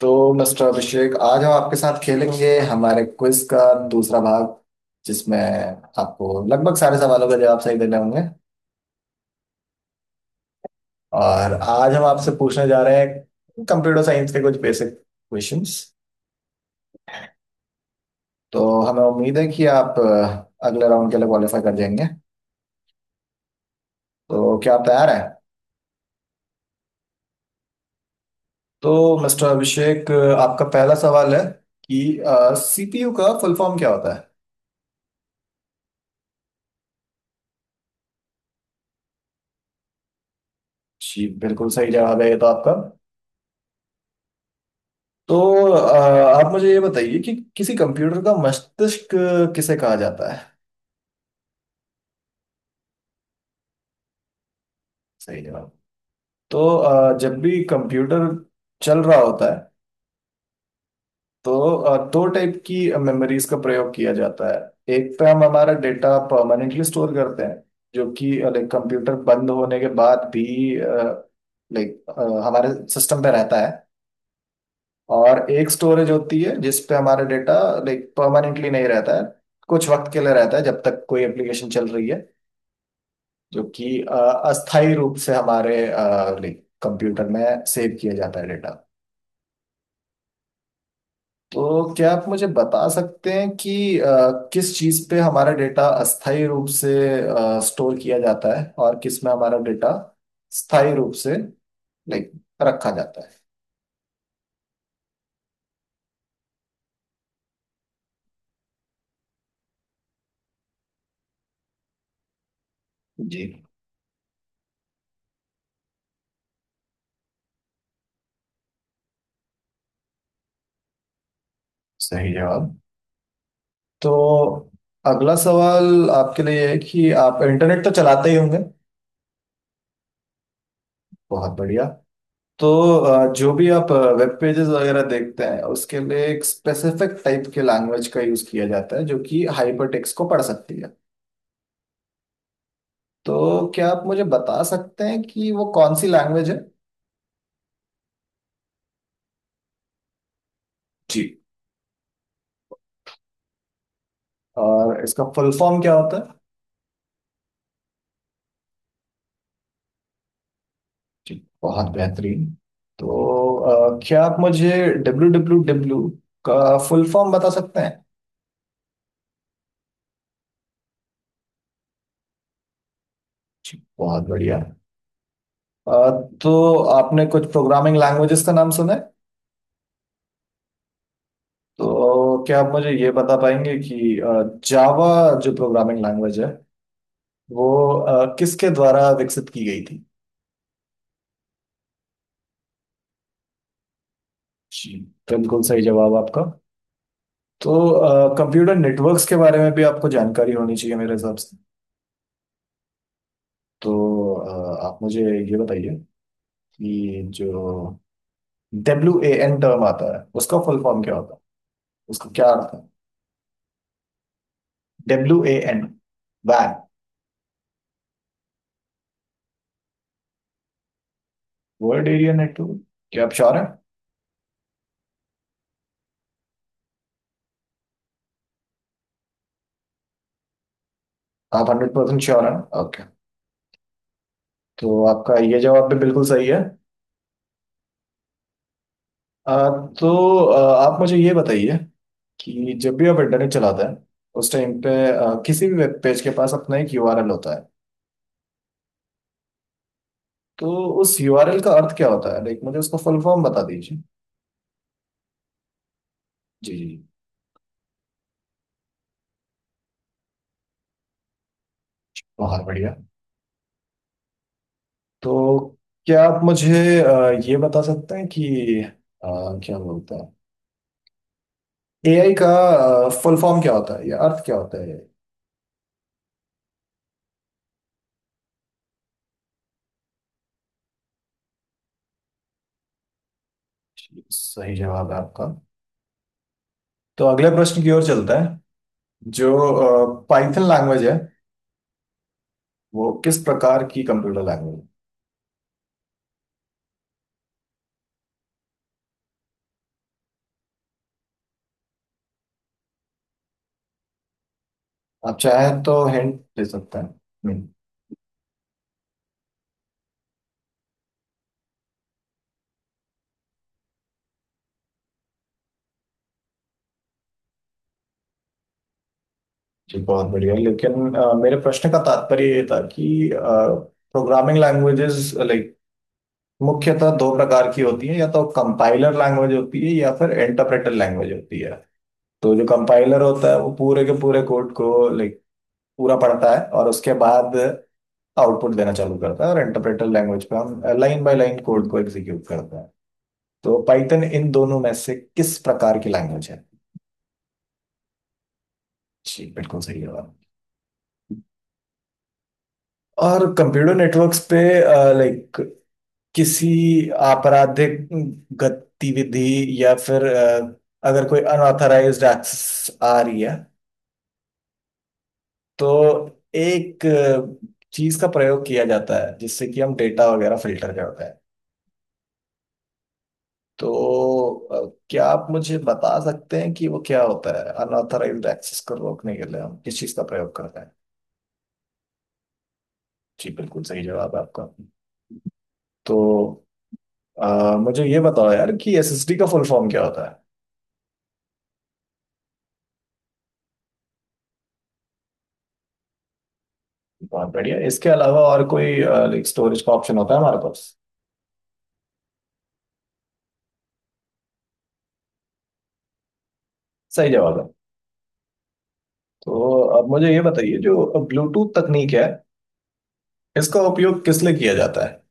तो मिस्टर अभिषेक आज हम आपके साथ खेलेंगे हमारे क्विज का दूसरा भाग, जिसमें आपको लगभग सारे सवालों के जवाब सही देने होंगे। और आज हम आपसे पूछने जा रहे हैं कंप्यूटर साइंस के कुछ बेसिक क्वेश्चंस। तो हमें उम्मीद है कि आप अगले राउंड के लिए क्वालिफाई कर जाएंगे। तो क्या आप तैयार हैं? तो मिस्टर अभिषेक, आपका पहला सवाल है कि सीपीयू का फुल फॉर्म क्या होता है? जी, बिल्कुल सही जवाब है ये तो आपका। तो अ, आप मुझे ये बताइए कि किसी कंप्यूटर का मस्तिष्क किसे कहा जाता है? सही जवाब। तो जब भी कंप्यूटर चल रहा होता है, तो दो टाइप की मेमोरीज का प्रयोग किया जाता है। एक पे हम हमारा डेटा परमानेंटली स्टोर करते हैं, जो कि लाइक कंप्यूटर बंद होने के बाद भी लाइक हमारे सिस्टम पे रहता है। और एक स्टोरेज होती है जिस पे हमारा डेटा लाइक परमानेंटली नहीं रहता है, कुछ वक्त के लिए रहता है जब तक कोई एप्लीकेशन चल रही है, जो कि अस्थायी रूप से हमारे लाइक कंप्यूटर में सेव किया जाता है डेटा। तो क्या आप मुझे बता सकते हैं कि अ, किस चीज़ पे हमारा डेटा अस्थायी रूप से स्टोर किया जाता है और किस में हमारा डेटा स्थायी रूप से लाइक रखा जाता है? जी, सही जवाब। तो अगला सवाल आपके लिए है कि आप इंटरनेट तो चलाते ही होंगे। बहुत बढ़िया। तो जो भी आप वेब पेजेस वगैरह देखते हैं, उसके लिए एक स्पेसिफिक टाइप के लैंग्वेज का यूज किया जाता है जो कि हाइपर टेक्स्ट को पढ़ सकती है। तो क्या आप मुझे बता सकते हैं कि वो कौन सी लैंग्वेज है? जी। और इसका फुल फॉर्म क्या होता है? जी, बहुत बेहतरीन। तो क्या आप मुझे डब्ल्यू डब्ल्यू डब्ल्यू का फुल फॉर्म बता सकते हैं? जी, बहुत बढ़िया। अ, तो आपने कुछ प्रोग्रामिंग लैंग्वेजेस का नाम सुना है। तो क्या आप मुझे ये बता पाएंगे कि जावा, जो प्रोग्रामिंग लैंग्वेज है, वो किसके द्वारा विकसित की गई थी? जी, बिल्कुल सही जवाब आपका। तो कंप्यूटर नेटवर्क्स के बारे में भी आपको जानकारी होनी चाहिए मेरे हिसाब से। तो आप मुझे ये बताइए कि जो डब्ल्यू ए एन टर्म आता है, उसका फुल फॉर्म क्या होता है? उसका क्या अर्थ है? डब्ल्यू ए एन, वैन। World area network? क्या आप श्योर हैं? आप हंड्रेड परसेंट श्योर हैं? ओके, तो आपका ये जवाब भी बिल्कुल सही है। आ, तो आ, आप मुझे ये बताइए कि जब भी आप इंटरनेट चलाते हैं, उस टाइम पे किसी भी वेब पेज के पास अपना एक यूआरएल होता है। तो उस यूआरएल का अर्थ क्या होता है? लाइक मुझे उसका फुल फॉर्म बता दीजिए। जी जी। बहुत बढ़िया। तो क्या आप मुझे ये बता सकते हैं कि आ, क्या बोलते हैं एआई का? फुल फॉर्म क्या होता है या अर्थ क्या होता है? जी, सही जवाब है आपका। तो अगले प्रश्न की ओर चलता है। जो पाइथन लैंग्वेज है, वो किस प्रकार की कंप्यूटर लैंग्वेज? आप चाहें तो हिंट दे सकते हैं। हम्म। जी बहुत बढ़िया, लेकिन मेरे प्रश्न का तात्पर्य ये था कि प्रोग्रामिंग लैंग्वेजेस लाइक मुख्यतः दो प्रकार की होती है, या तो कंपाइलर लैंग्वेज होती है या फिर इंटरप्रेटर लैंग्वेज होती है। तो जो कंपाइलर होता है वो पूरे के पूरे कोड को लाइक पूरा पढ़ता है और उसके बाद आउटपुट देना चालू करता है, और इंटरप्रेटर लैंग्वेज पे हम लाइन बाय लाइन कोड को एग्जीक्यूट करते हैं। तो पाइथन इन दोनों में से किस प्रकार की लैंग्वेज है? जी बिल्कुल सही जवाब। और कंप्यूटर नेटवर्क्स पे लाइक किसी आपराधिक गतिविधि या फिर अगर कोई अनऑथराइज्ड एक्सेस आ रही है, तो एक चीज का प्रयोग किया जाता है जिससे कि हम डेटा वगैरह फिल्टर करते हैं। तो अ, क्या आप मुझे बता सकते हैं कि वो क्या होता है? अनऑथराइज्ड एक्सेस को रोकने के लिए हम किस चीज का प्रयोग करते हैं? जी बिल्कुल सही जवाब है आपका। तो मुझे ये बताओ यार कि एसएसडी का फुल फॉर्म क्या होता है? बहुत बढ़िया। इसके अलावा और कोई लाइक स्टोरेज का ऑप्शन होता है हमारे पास? सही जवाब है। तो अब मुझे ये बताइए, जो ब्लूटूथ तकनीक है, इसका उपयोग किस लिए किया जाता है?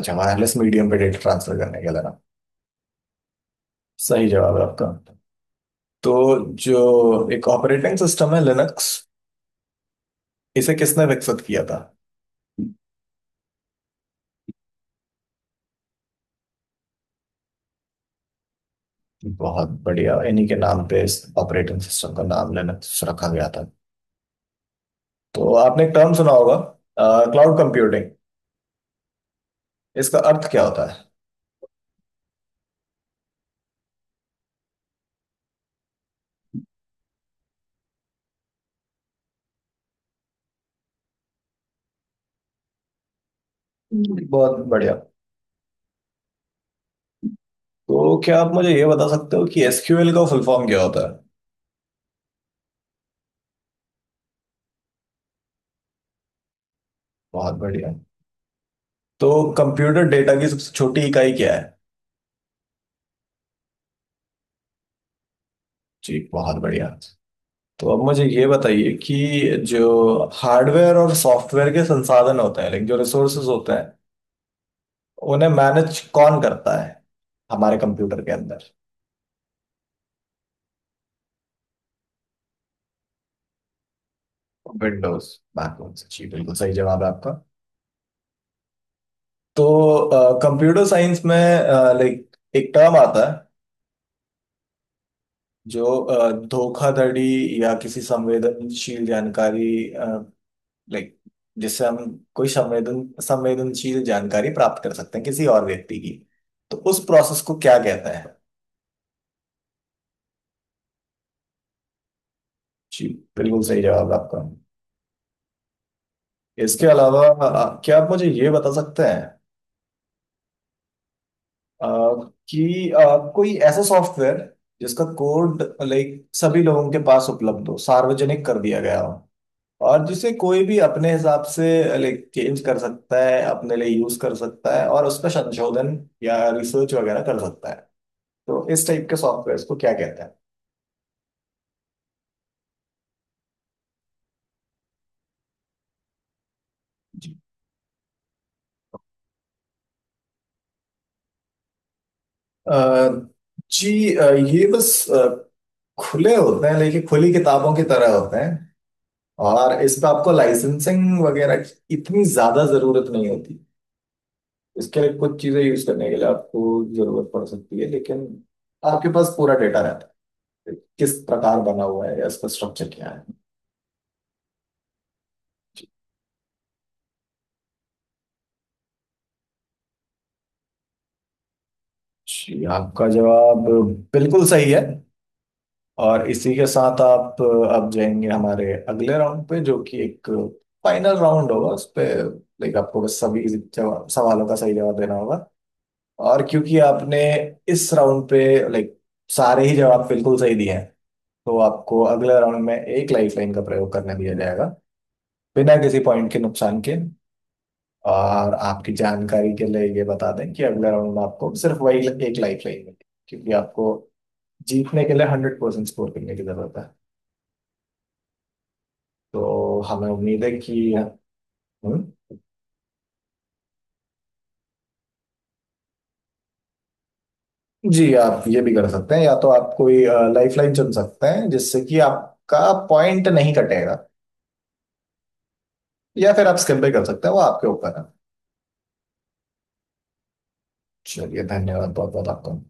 अच्छा, वायरलेस मीडियम पे डेटा ट्रांसफर करने के लिए ना। सही जवाब है आपका। तो जो एक ऑपरेटिंग सिस्टम है लिनक्स, इसे किसने विकसित किया था? बहुत बढ़िया, इन्हीं के नाम पे इस ऑपरेटिंग सिस्टम का नाम लिनक्स रखा गया था। तो आपने एक टर्म सुना होगा, क्लाउड कंप्यूटिंग। इसका अर्थ क्या होता है? बहुत बढ़िया। तो क्या आप मुझे ये बता सकते हो कि एसक्यूएल का फुल फॉर्म क्या होता है? बहुत बढ़िया। तो कंप्यूटर डेटा की सबसे छोटी इकाई क्या है? जी बहुत बढ़िया। तो अब मुझे ये बताइए कि जो हार्डवेयर और सॉफ्टवेयर के संसाधन होते हैं, लाइक जो रिसोर्सेज होते हैं, उन्हें मैनेज कौन करता है हमारे कंप्यूटर के अंदर? विंडोज, मैकओएस, जी बिल्कुल सही जवाब है आपका। तो कंप्यूटर साइंस में लाइक एक टर्म आता है जो धोखाधड़ी या किसी संवेदनशील जानकारी लाइक जिससे हम कोई संवेदनशील जानकारी प्राप्त कर सकते हैं किसी और व्यक्ति की, तो उस प्रोसेस को क्या कहता है? जी बिल्कुल सही जवाब आपका। इसके अलावा क्या आप मुझे ये बता सकते हैं अ, कि कोई ऐसा सॉफ्टवेयर जिसका कोड लाइक सभी लोगों के पास उपलब्ध हो, सार्वजनिक कर दिया गया हो, और जिसे कोई भी अपने हिसाब से लाइक चेंज कर सकता है, अपने लिए यूज कर सकता है, और उस पर संशोधन या रिसर्च वगैरह कर सकता है, तो इस टाइप के सॉफ्टवेयर को क्या कहते हैं? जी अ, ये बस खुले होते हैं, लेकिन खुली किताबों की तरह होते हैं, और इस पे आपको लाइसेंसिंग वगैरह की इतनी ज्यादा जरूरत नहीं होती। इसके लिए कुछ चीजें यूज करने के लिए आपको जरूरत पड़ सकती है, लेकिन आपके पास पूरा डेटा रहता है किस प्रकार बना हुआ है या इसका स्ट्रक्चर क्या है। जी, आपका जवाब बिल्कुल सही है। और इसी के साथ आप अब जाएंगे हमारे अगले राउंड पे, जो कि एक फाइनल राउंड होगा। उस पे लाइक आपको बस सभी जवाब सवालों का सही जवाब देना होगा। और क्योंकि आपने इस राउंड पे लाइक सारे ही जवाब बिल्कुल सही दिए हैं, तो आपको अगले राउंड में एक लाइफलाइन का प्रयोग करने दिया जाएगा, बिना किसी पॉइंट के नुकसान के। और आपकी जानकारी के लिए ये बता दें कि अगले राउंड में आपको सिर्फ वही एक लाइफलाइन मिलेगी, क्योंकि आपको जीतने के लिए हंड्रेड परसेंट स्कोर करने की जरूरत है। तो हमें उम्मीद है कि। हम्म। जी, आप ये भी कर सकते हैं, या तो आप कोई लाइफ लाइन चुन सकते हैं जिससे कि आपका पॉइंट नहीं कटेगा, या फिर आप स्किप भी कर सकते हैं, वो आपके ऊपर है। चलिए, धन्यवाद बहुत बहुत आपका।